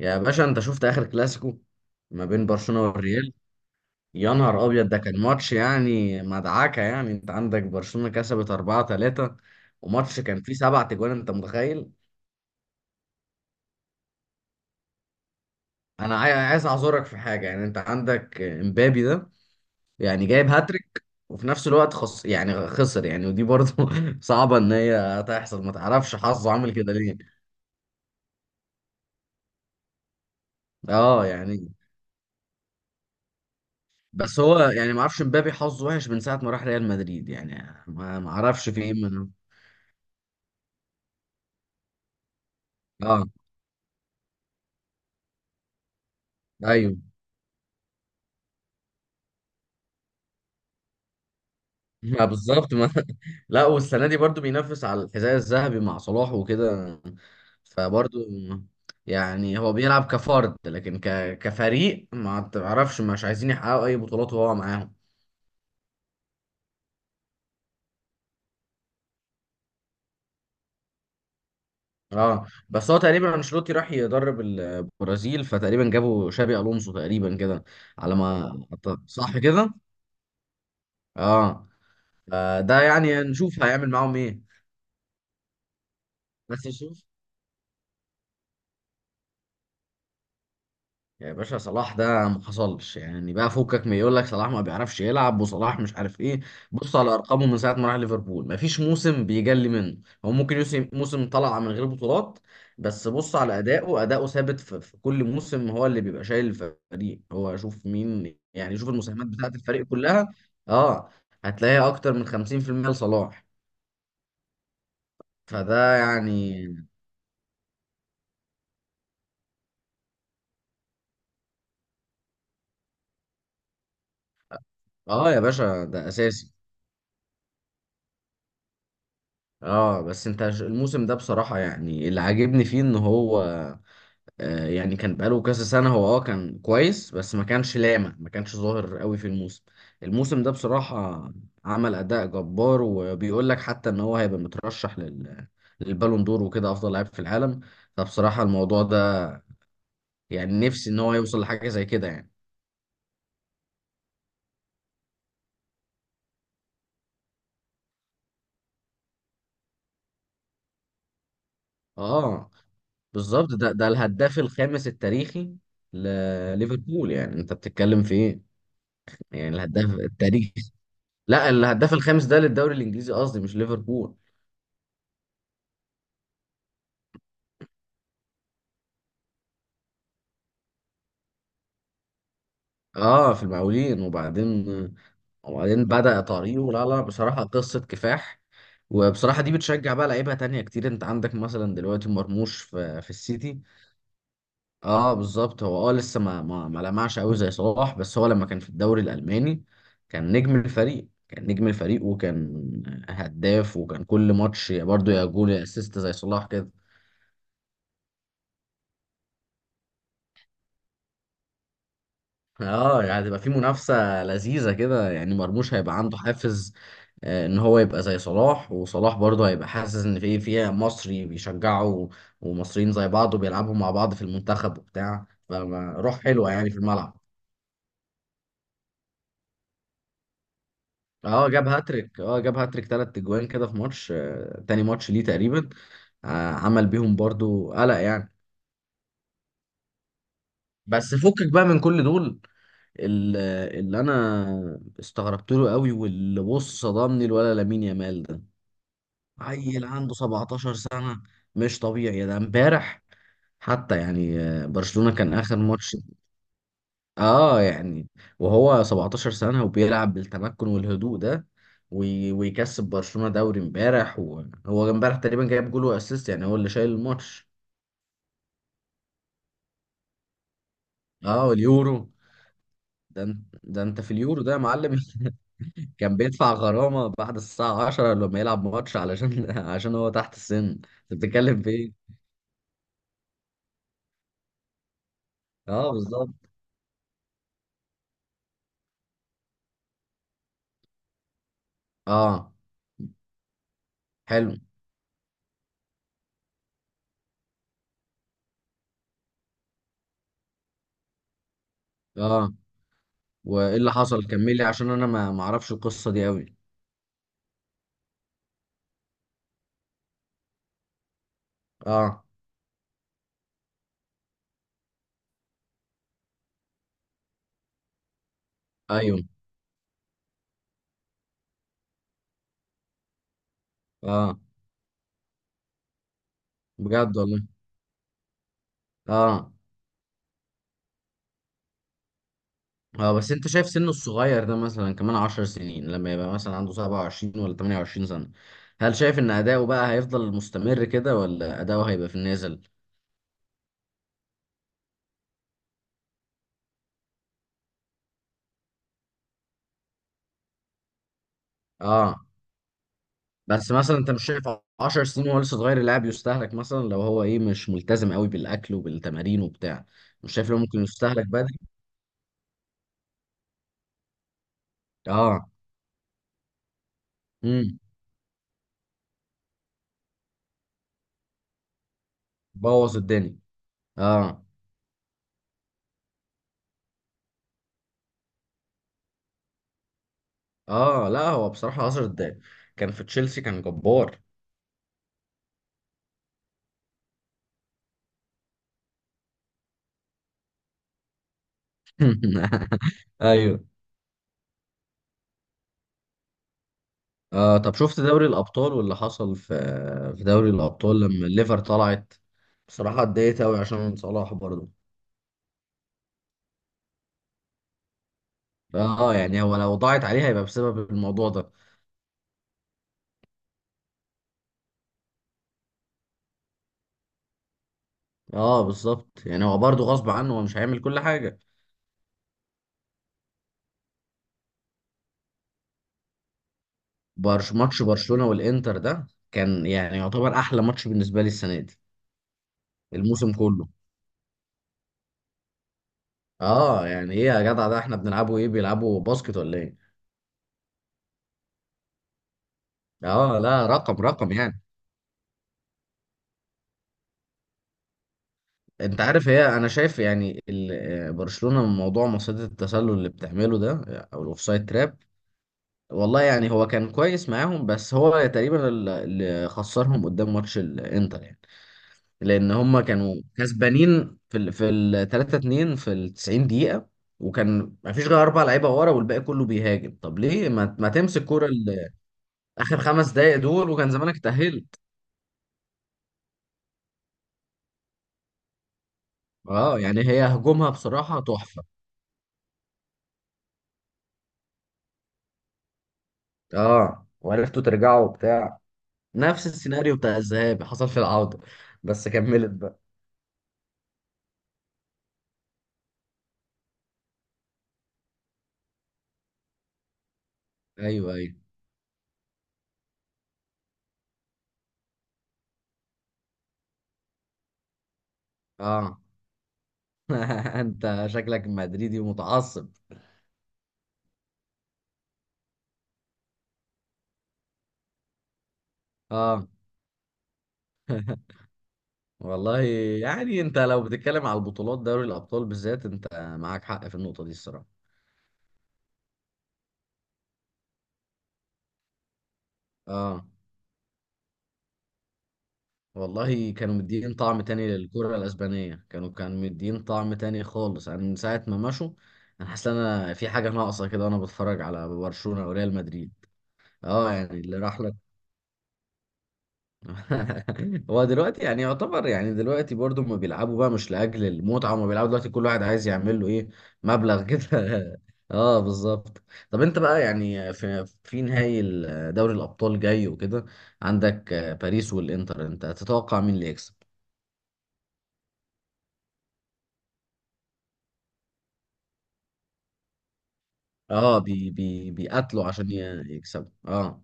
يا باشا، انت شفت اخر كلاسيكو ما بين برشلونة والريال؟ يا نهار ابيض، ده كان ماتش يعني مدعكة. يعني انت عندك برشلونة كسبت 4-3، وماتش كان فيه 7 تجوان، انت متخيل؟ انا عايز اعذرك في حاجة. يعني انت عندك امبابي ده، يعني جايب هاتريك وفي نفس الوقت خص، يعني خسر، يعني ودي برضه صعبة ان هي تحصل. ما تعرفش حظه عامل كده ليه؟ اه يعني. بس هو يعني ما اعرفش امبابي حظه وحش من ساعة ما راح ريال مدريد. يعني ما اعرفش في ايه منه. اه، ايوه. ما بالظبط، ما. لا، والسنه دي برضو بينافس على الحذاء الذهبي مع صلاح وكده. فبرضو، يعني هو بيلعب كفرد، لكن كفريق ما تعرفش مش عايزين يحققوا اي بطولات وهو معاهم. اه بس هو تقريبا انشيلوتي راح يدرب البرازيل، فتقريبا جابوا شابي الونسو تقريبا كده. على ما أعتقد، صح كده؟ اه. ده يعني نشوف هيعمل معاهم ايه. بس شوف. يا باشا، صلاح ده ما حصلش. يعني بقى فكك من يقول لك صلاح ما بيعرفش يلعب وصلاح مش عارف ايه. بص على ارقامه. من ساعه ما راح ليفربول ما فيش موسم بيجلي منه. هو ممكن يوسم موسم طلع من غير بطولات. بس بص على اداؤه. اداؤه ثابت في كل موسم. هو اللي بيبقى شايل الفريق. هو شوف مين، يعني شوف المساهمات بتاعه الفريق كلها. اه، هتلاقيها اكتر من 50% لصلاح. فده يعني. اه يا باشا، ده اساسي. اه بس انت الموسم ده بصراحة، يعني اللي عاجبني فيه ان هو، يعني كان بقاله كذا سنة. هو كان كويس، بس ما كانش لامع، ما كانش ظاهر قوي في الموسم. الموسم ده بصراحة عمل أداء جبار، وبيقول لك حتى إن هو هيبقى مترشح للبالون دور وكده أفضل لاعب في العالم. فبصراحة الموضوع ده، يعني نفسي إن هو يوصل لحاجة زي كده يعني. اه بالظبط، ده الهداف الخامس التاريخي لليفربول. يعني أنت بتتكلم في إيه؟ يعني الهداف التاريخي. لا، الهداف الخامس ده للدوري الإنجليزي قصدي، مش ليفربول. اه، في المقاولين وبعدين. وبعدين بدأ طريقه. لا لا، بصراحة قصة كفاح. وبصراحة دي بتشجع بقى لعيبة تانية كتير. انت عندك مثلا دلوقتي مرموش في السيتي. اه بالظبط. هو لسه ما لمعش قوي زي صلاح. بس هو لما كان في الدوري الألماني كان نجم الفريق، وكان هداف وكان كل ماتش برضه يا جول يا اسيست زي صلاح كده. اه يعني، هتبقى في منافسة لذيذة كده. يعني مرموش هيبقى عنده حافز، ان هو يبقى زي صلاح. وصلاح برضه هيبقى حاسس ان في فيها مصري بيشجعه ومصريين زي بعض وبيلعبوا مع بعض في المنتخب وبتاع، فروح حلوة يعني في الملعب. اه جاب هاتريك. اه جاب هاتريك 3 اجوان كده في ماتش، تاني ماتش ليه تقريبا. آه، عمل بيهم برضه قلق يعني. بس فكك بقى من كل دول. ال- اللي انا استغربت له قوي، واللي بص صدمني الولا لامين يامال ده. عيل عنده 17 سنة! مش طبيعي ده. امبارح حتى يعني، برشلونة كان آخر ماتش. اه يعني. وهو 17 سنة وبيلعب بالتمكن والهدوء ده، ويكسب برشلونة دوري امبارح، وهو امبارح تقريبا جايب جول واسيست. يعني هو اللي شايل الماتش. اه واليورو. ده انت في اليورو ده يا معلم كان بيدفع غرامة بعد الساعة 10 لما يلعب ماتش علشان عشان هو تحت السن. انت بتتكلم في ايه؟ اه بالظبط. اه، حلو. اه، وايه اللي حصل؟ كملي عشان انا ما اعرفش القصه دي قوي. اه، ايوه. اه، بجد والله. اه. اه بس انت شايف سنه الصغير ده، مثلا كمان 10 سنين لما يبقى مثلا عنده 27 ولا 28 سنة، هل شايف ان اداؤه بقى هيفضل مستمر كده، ولا اداؤه هيبقى في النازل؟ اه، بس مثلا انت مش شايف 10 سنين وهو لسه صغير اللاعب يستهلك، مثلا لو هو ايه مش ملتزم قوي بالاكل وبالتمارين وبتاع. مش شايف لو ممكن يستهلك بدري؟ اه، امم. بوظ الدنيا. اه، اه. لا، هو بصراحة 10 دقايق كان في تشيلسي كان جبار. ايوه. طب شفت دوري الابطال واللي حصل في دوري الابطال لما الليفر طلعت. بصراحة اتضايقت قوي عشان صلاح برضه. اه يعني، هو لو ضاعت عليه هيبقى بسبب الموضوع ده. اه بالظبط. يعني هو برضه غصب عنه، هو مش هيعمل كل حاجة. ماتش برشلونة والانتر ده كان يعني يعتبر احلى ماتش بالنسبة لي السنة دي. الموسم كله. اه. يعني ايه يا جدع ده؟ احنا بنلعبوا ايه؟ بيلعبوا باسكت ولا ايه؟ اه لا، رقم رقم يعني. انت عارف، هي انا شايف يعني برشلونة من موضوع مصيدة التسلل اللي بتعمله ده، او الاوفسايد تراب. والله يعني هو كان كويس معاهم، بس هو تقريبا اللي خسرهم قدام ماتش الانتر يعني. لان هم كانوا كسبانين في ال 3-2 في ال 90 دقيقة. وكان ما فيش غير 4 لعيبة ورا والباقي كله بيهاجم. طب ليه ما تمسك كورة اخر 5 دقايق دول وكان زمانك تأهلت. اه يعني، هي هجومها بصراحة تحفة. اه، وعرفتوا ترجعوا وبتاع. نفس السيناريو بتاع الذهاب حصل في العودة. بس كملت بقى. ايوه، ايوه. اه. انت شكلك مدريدي ومتعصب. اه والله. يعني انت لو بتتكلم على البطولات دوري الابطال بالذات، انت معاك حق في النقطة دي الصراحة. اه والله، كانوا مدين طعم تاني للكرة الاسبانية. كانوا مدين طعم تاني خالص. انا من ساعة ما مشوا، انا حاسس ان انا في حاجة ناقصة كده وانا بتفرج على برشلونة وريال مدريد. اه يعني، اللي راح. هو دلوقتي يعني يعتبر، يعني دلوقتي برضو ما بيلعبوا بقى مش لأجل المتعة. ما بيلعبوا دلوقتي كل واحد عايز يعمل له ايه، مبلغ كده اه بالظبط. طب انت بقى يعني في نهائي دوري الأبطال جاي وكده، عندك باريس والإنتر. انت تتوقع مين اللي يكسب؟ اه، بي بي بيقاتلوا عشان يكسبوا اه.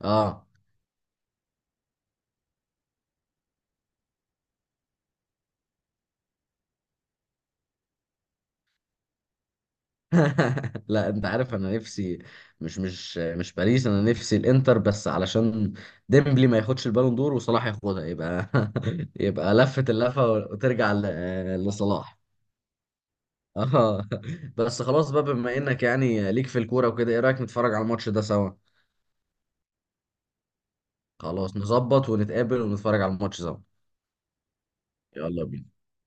اه. لا، انت عارف انا نفسي مش باريس. انا نفسي الانتر، بس علشان ديمبلي ما ياخدش البالون دور وصلاح ياخدها، يبقى يبقى لفة اللفة وترجع لصلاح. اه. بس خلاص بقى، بما انك يعني ليك في الكورة وكده، ايه رأيك نتفرج على الماتش ده سوا؟ خلاص نظبط ونتقابل ونتفرج على الماتش سوا. يلا بينا.